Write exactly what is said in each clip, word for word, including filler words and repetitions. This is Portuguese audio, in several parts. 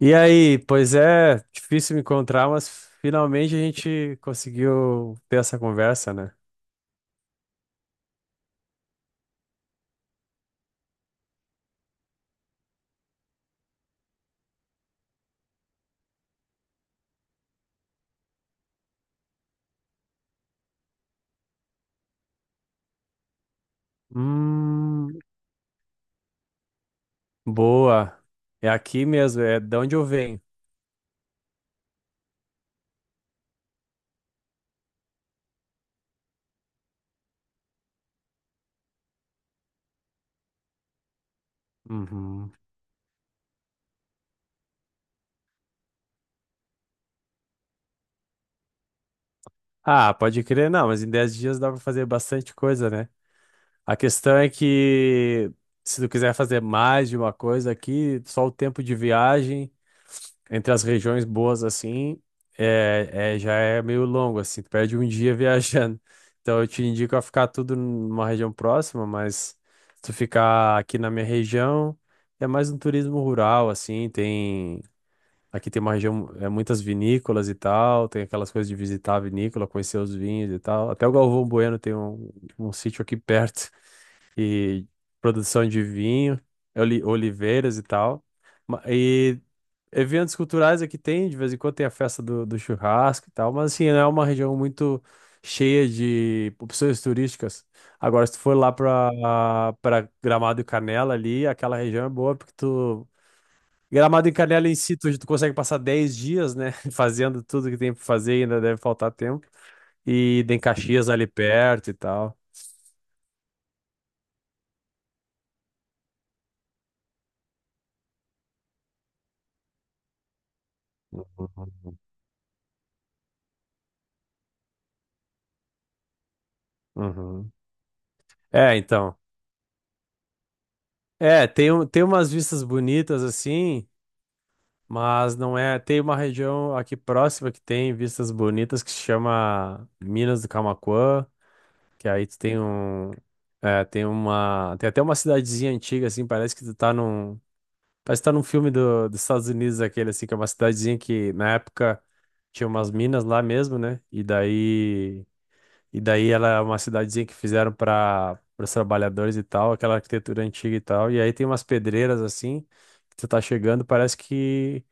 E aí, pois é, difícil me encontrar, mas finalmente a gente conseguiu ter essa conversa, né? Hum, boa. É aqui mesmo, é de onde eu venho. Uhum. Ah, pode crer, não, mas em dez dias dá pra fazer bastante coisa, né? A questão é que se tu quiser fazer mais de uma coisa aqui, só o tempo de viagem. Entre as regiões boas, assim, é, é- já é meio longo, assim, tu perde um dia viajando. Então eu te indico a ficar tudo numa região próxima, mas se tu ficar aqui na minha região, é mais um turismo rural, assim, tem... Aqui tem uma região, é, muitas vinícolas e tal, tem aquelas coisas de visitar a vinícola, conhecer os vinhos e tal. Até o Galvão Bueno tem um, um sítio aqui perto e produção de vinho, oli- oliveiras e tal. Ma- E eventos culturais aqui tem, de vez em quando tem a festa do, do churrasco e tal, mas assim, não é uma região muito cheia de opções turísticas. Agora, se tu for lá pra, pra Gramado e Canela ali, aquela região é boa porque tu. Gramado e Canela em si, tu, tu consegue passar dez dias, né? Fazendo tudo que tem pra fazer e ainda deve faltar tempo. E tem Caxias ali perto e tal. Uhum. Uhum. É, então. É, tem, um- tem umas vistas bonitas assim, mas não é. Tem uma região aqui próxima que tem vistas bonitas que se chama Minas do Camaquã, que aí tu tem um. É, tem uma. Tem até uma cidadezinha antiga, assim, parece que tu tá num. Parece que tá num filme do, dos Estados Unidos, aquele assim, que é uma cidadezinha que na época tinha umas minas lá mesmo, né? E daí, e daí ela é uma cidadezinha que fizeram para os trabalhadores e tal, aquela arquitetura antiga e tal. E aí tem umas pedreiras assim, que tu tá chegando, parece que,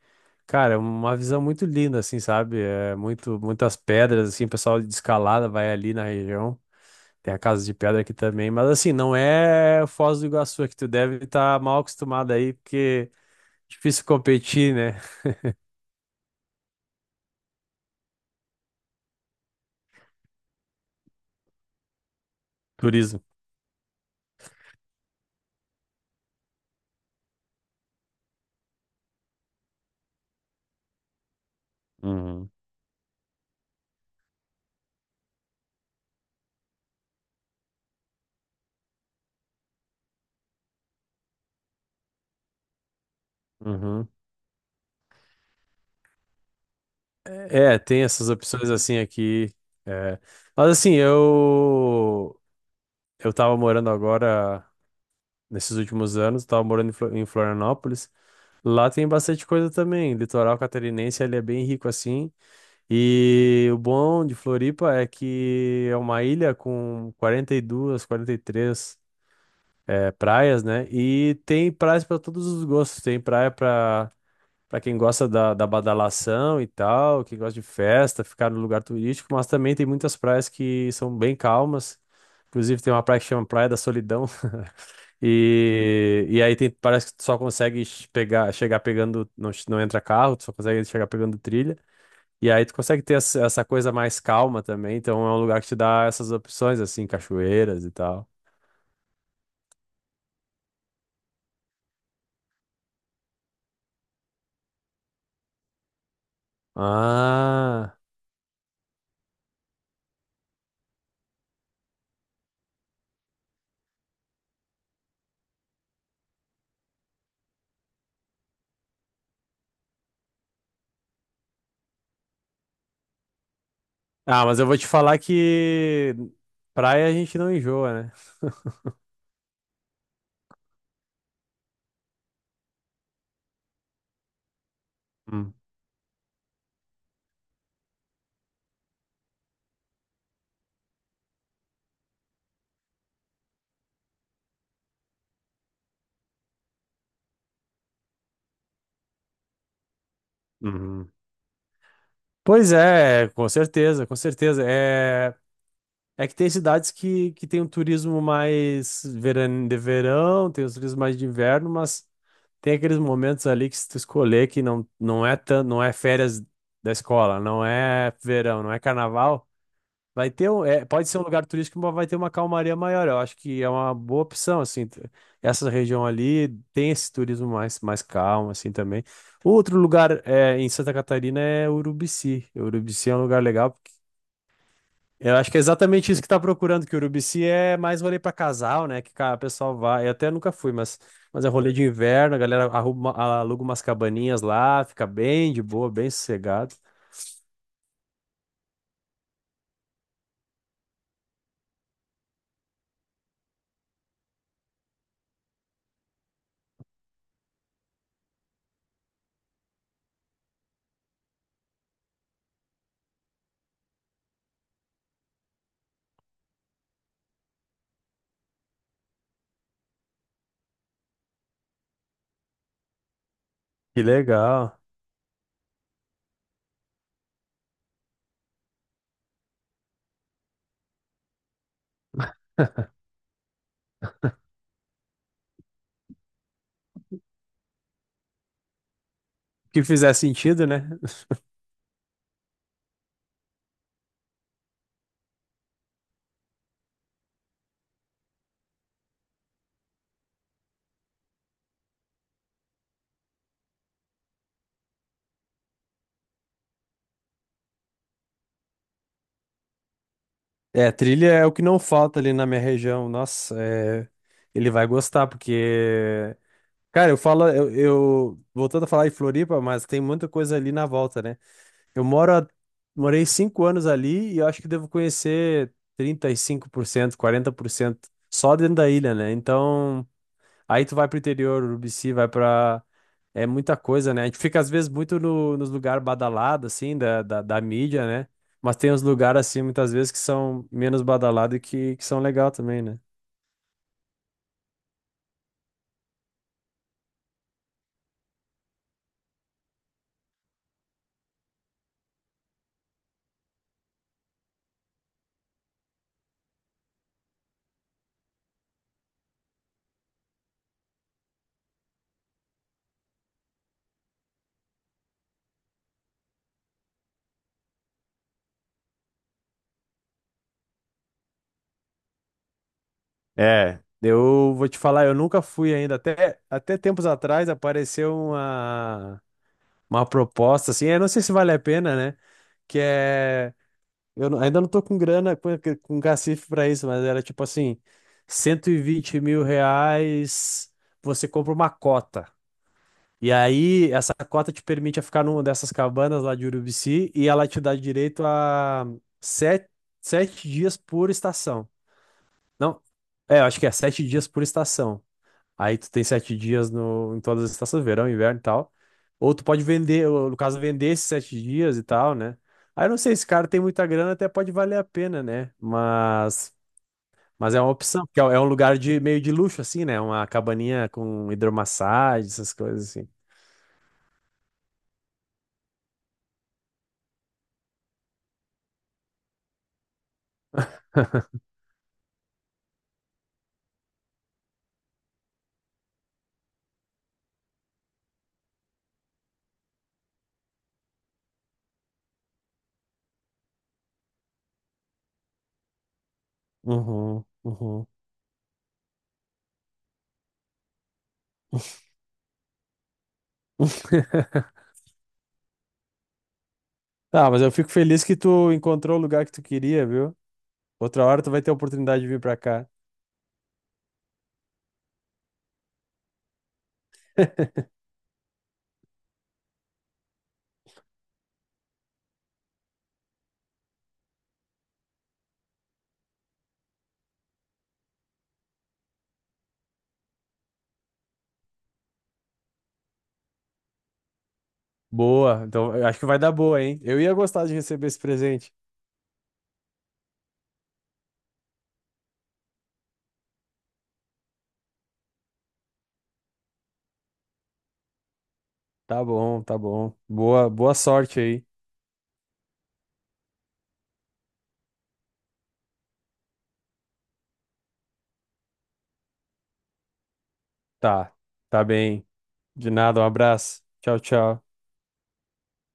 cara, é uma visão muito linda, assim, sabe? É muito, muitas pedras, assim, o pessoal de escalada vai ali na região. Tem a Casa de Pedra aqui também, mas assim, não é Foz do Iguaçu, é que tu deve estar mal acostumado aí, porque. Difícil competir, né? Turismo. Uhum, uhum. É, tem essas opções assim aqui. É. Mas assim, eu eu tava morando agora, nesses últimos anos, tava morando em Flo- em Florianópolis. Lá tem bastante coisa também. Litoral catarinense, ele é bem rico assim. E o bom de Floripa é que é uma ilha com quarenta e duas, quarenta e três é, praias, né? E tem praias para todos os gostos. Tem praia para Pra quem gosta da, da badalação e tal, quem gosta de festa, ficar no lugar turístico, mas também tem muitas praias que são bem calmas. Inclusive tem uma praia que chama Praia da Solidão. E, e aí tem, parece que tu só consegue ch- pegar, chegar pegando, não, ch- não entra carro, tu só consegue chegar pegando trilha. E aí tu consegue ter essa, essa coisa mais calma também, então é um lugar que te dá essas opções, assim, cachoeiras e tal. Ah, Ah, mas eu vou te falar que praia a gente não enjoa, né? Hum, uhum. Pois é, com certeza, com certeza. É, é que tem cidades que, que tem um turismo mais veran- de verão, tem os turismo mais de inverno, mas tem aqueles momentos ali que se tu escolher que não, não é tan, não é férias da escola, não é verão, não é carnaval. Vai ter um, é, pode ser um lugar turístico, mas vai ter uma calmaria maior. Eu acho que é uma boa opção, assim. t- Essa região ali tem esse turismo mais, mais calmo, assim, também. Outro lugar é, em Santa Catarina é Urubici. Urubici é um lugar legal. Porque eu acho que é exatamente isso que tá procurando, que Urubici é mais rolê para casal, né? Que cara, o pessoal vai. Eu até nunca fui, mas, mas é rolê de inverno, a galera arruma, aluga umas cabaninhas lá, fica bem de boa, bem sossegado. Que legal. Que fizer sentido, né? É, trilha é o que não falta ali na minha região. Nossa, é, ele vai gostar, porque. Cara, eu falo, eu, eu- Voltando a falar em Floripa, mas tem muita coisa ali na volta, né? Eu moro há- morei cinco anos ali e eu acho que devo conhecer trinta e cinco por cento, quarenta por cento só dentro da ilha, né? Então. Aí tu vai pro interior, Urubici, vai pra. É muita coisa, né? A gente fica às vezes muito no, nos lugares badalados, assim, da, da, da mídia, né? Mas tem uns lugares, assim, muitas vezes que são menos badalados e que, que são legal também, né? É, eu vou te falar, eu nunca fui ainda. Até, até tempos atrás apareceu uma, uma proposta, assim, eu não sei se vale a pena, né? Que é. Eu não- ainda não tô com grana, com, com cacife pra isso, mas era tipo assim, cento e vinte mil reais, você compra uma cota. E aí, essa cota te permite a ficar numa dessas cabanas lá de Urubici e ela te dá direito a sete, sete dias por estação. Não, é, eu acho que é sete dias por estação. Aí tu tem sete dias no, em todas as estações, verão, inverno e tal. Ou tu pode vender, ou, no caso, vender esses sete dias e tal, né? Aí eu não sei, se o cara tem muita grana, até pode valer a pena, né? Mas, mas é uma opção, porque é é um lugar de meio de luxo, assim, né? Uma cabaninha com hidromassagem, essas coisas assim. Uhum, uhum. Tá, mas eu fico feliz que tu encontrou o lugar que tu queria, viu? Outra hora tu vai ter a oportunidade de vir pra cá. Boa. Então, eu acho que vai dar boa, hein? Eu ia gostar de receber esse presente. Tá bom, tá bom. Boa, boa sorte aí. Tá, tá bem. De nada, um abraço. Tchau, tchau.